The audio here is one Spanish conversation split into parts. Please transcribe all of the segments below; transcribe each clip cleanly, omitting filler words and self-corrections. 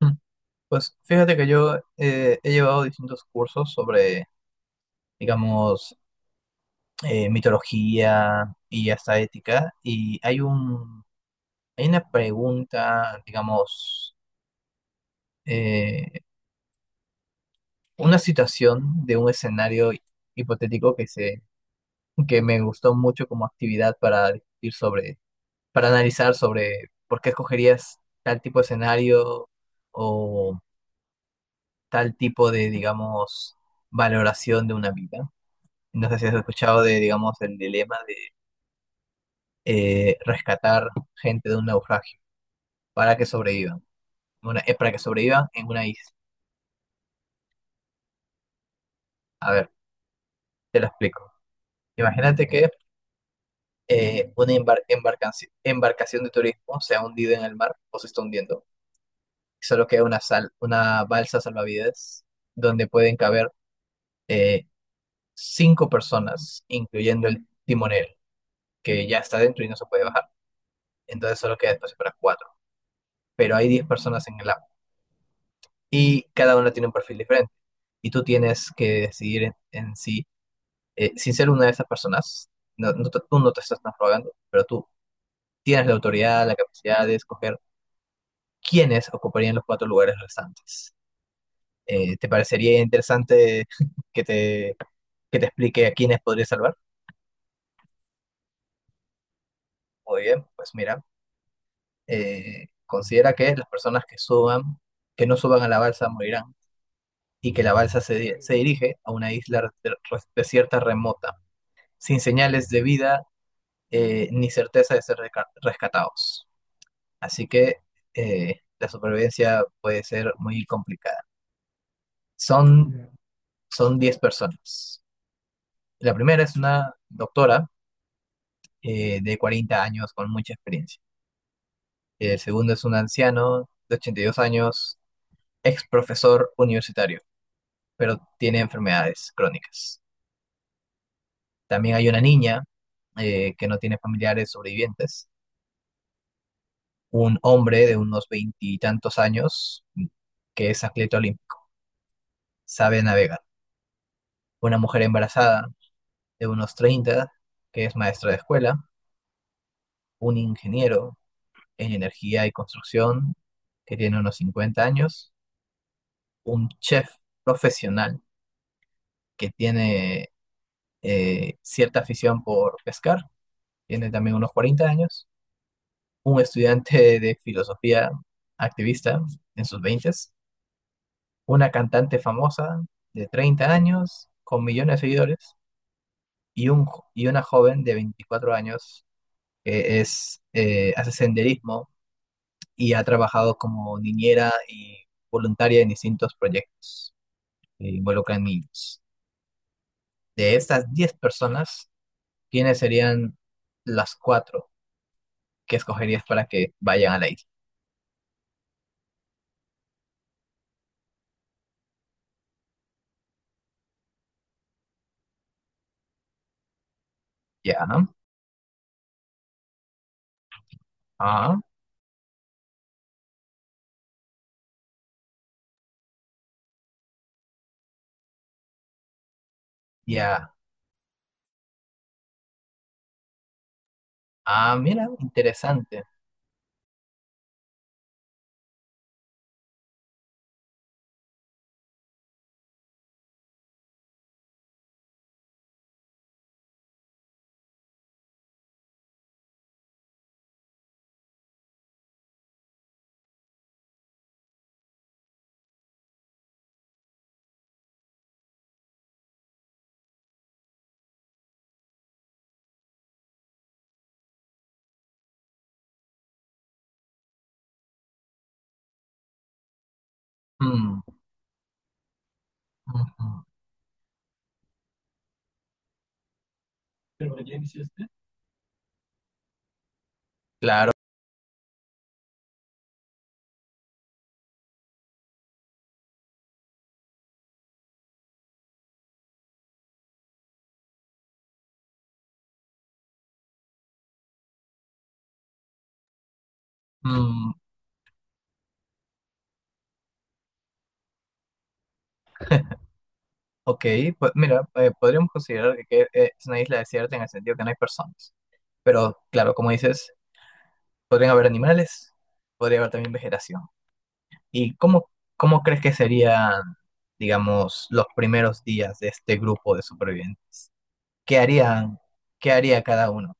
Mm. Pues fíjate que yo he llevado distintos cursos sobre, digamos, mitología y hasta ética, y hay una pregunta, digamos, eh, una situación de un escenario hipotético que me gustó mucho como actividad para discutir sobre, para analizar sobre por qué escogerías tal tipo de escenario o tal tipo de, digamos, valoración de una vida. No sé si has escuchado de, digamos, el dilema de rescatar gente de un naufragio para que sobrevivan. Para que sobrevivan en una isla. A ver, te lo explico. Imagínate que una embarcación de turismo se ha hundido en el mar o se está hundiendo. Solo queda una balsa salvavidas donde pueden caber eh, cinco personas, incluyendo el timonel, que ya está dentro y no se puede bajar. Entonces solo queda espacio para cuatro. Pero hay 10 personas en el agua y cada una tiene un perfil diferente. Y tú tienes que decidir en sí, sin ser una de esas personas. No, tú no te estás transrogando, pero tú tienes la autoridad, la capacidad de escoger quiénes ocuparían los cuatro lugares restantes. ¿Te parecería interesante que te, que te explique a quiénes podrías salvar? Muy bien, pues mira, considera que las personas que no suban a la balsa morirán y que la balsa se dirige a una isla desierta remota sin señales de vida, ni certeza de ser rescatados. Así que la supervivencia puede ser muy complicada. Son, son 10 personas. La primera es una doctora de 40 años con mucha experiencia. El segundo es un anciano de 82 años, ex profesor universitario, pero tiene enfermedades crónicas. También hay una niña que no tiene familiares sobrevivientes. Un hombre de unos veintitantos años que es atleta olímpico, sabe navegar. Una mujer embarazada de unos 30 que es maestra de escuela, un ingeniero en energía y construcción, que tiene unos 50 años, un chef profesional que tiene cierta afición por pescar, tiene también unos 40 años, un estudiante de filosofía activista en sus veintes, una cantante famosa de 30 años con millones de seguidores, y, un, y una joven de 24 años que es, hace senderismo y ha trabajado como niñera y voluntaria en distintos proyectos que involucran niños. De estas 10 personas, ¿quiénes serían las cuatro que escogerías para que vayan a la isla? Ya, ¿no? Ah, ya. Ah, mira, interesante. Mm. Ujú. Claro. Mm, ok, pues mira, podríamos considerar que es una isla desierta en el sentido que no hay personas. Pero claro, como dices, podrían haber animales, podría haber también vegetación. ¿Y cómo crees que serían, digamos, los primeros días de este grupo de supervivientes? ¿Qué harían, qué haría cada uno?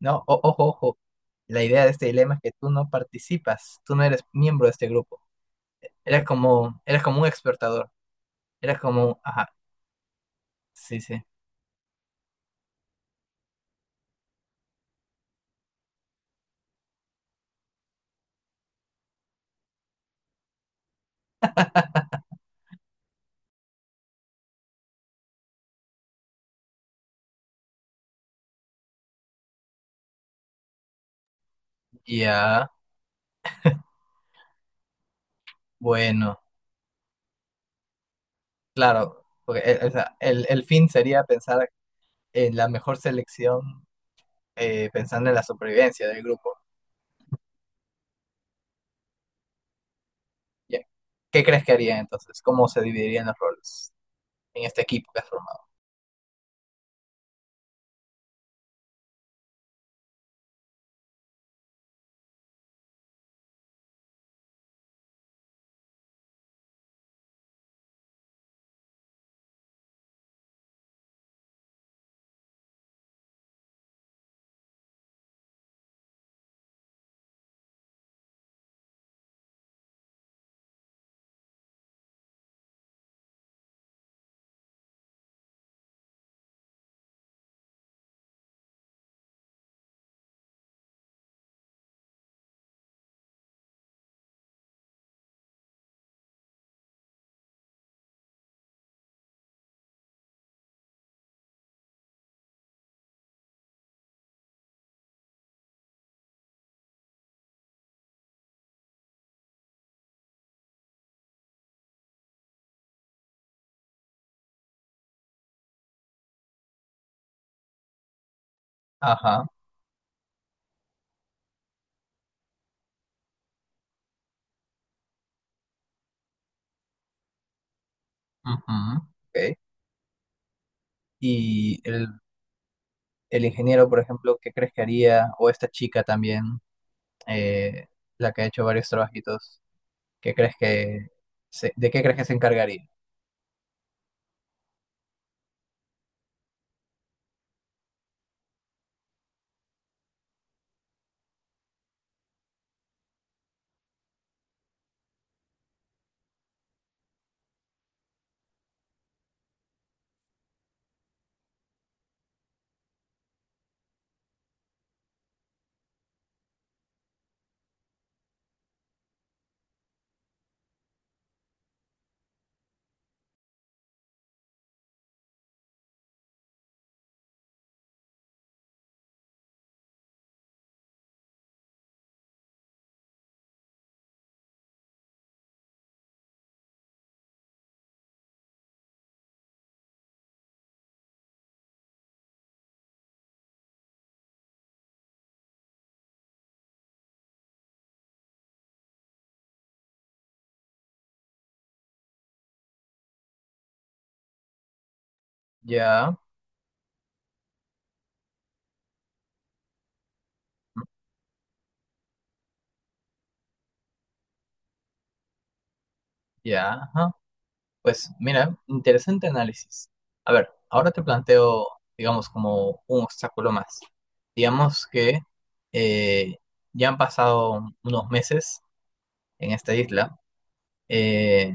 No. Ojo, ojo, la idea de este dilema es que tú no participas, tú no eres miembro de este grupo. Eres como un expertador, ajá, sí, sí, ya, bueno, claro, porque o sea, el fin sería pensar en la mejor selección, pensando en la supervivencia del grupo. Ya. ¿Qué crees que harían entonces? ¿Cómo se dividirían los roles en este equipo que has formado? Ajá. Ujú, ok. Y el ingeniero, por ejemplo, ¿qué crees que haría? O esta chica también, eh, la que ha hecho varios trabajitos, ¿qué crees que de qué crees que se encargaría? Ya, ya, ajá. Pues mira, interesante análisis. A ver, ahora te planteo, digamos, como un obstáculo más. Digamos que eh, ya han pasado unos meses en esta isla, eh,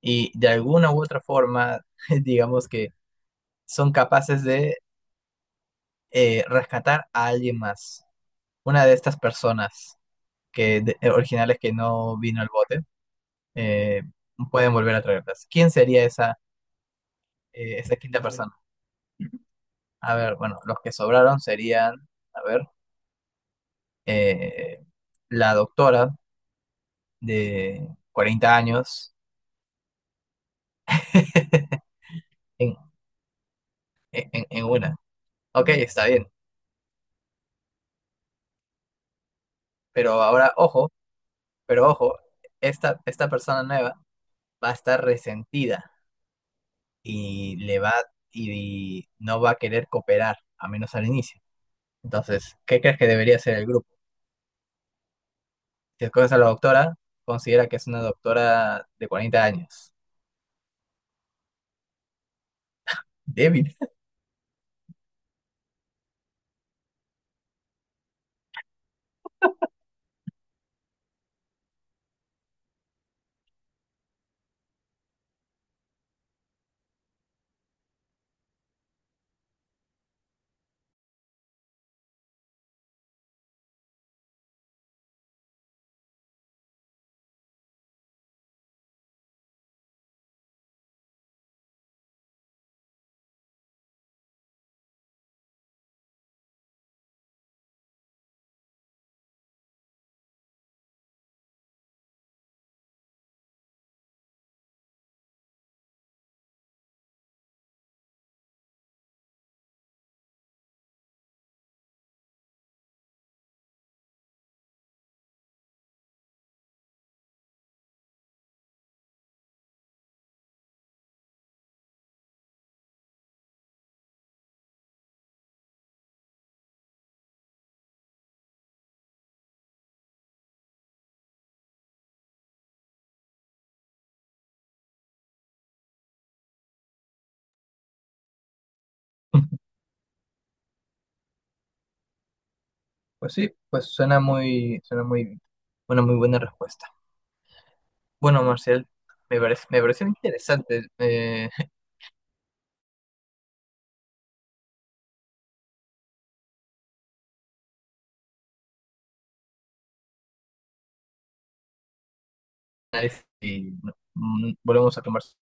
y de alguna u otra forma, digamos que son capaces de rescatar a alguien más, una de estas personas que originales que no vino al bote, eh, pueden volver a traerlas. ¿Quién sería esa quinta persona? A ver, bueno, los que sobraron serían, a ver, eh, la doctora de 40 años en, en una. Ok, está bien, pero ahora, ojo. Pero ojo, esta persona nueva va a estar resentida y le va y no va a querer cooperar, a menos al inicio. Entonces, ¿qué crees que debería hacer el grupo? Si escoges a la doctora, considera que es una doctora de 40 años. Débil. Pues sí, una muy buena respuesta. Bueno, Marcial, me pareció interesante analizar y bueno, volvemos a conversar.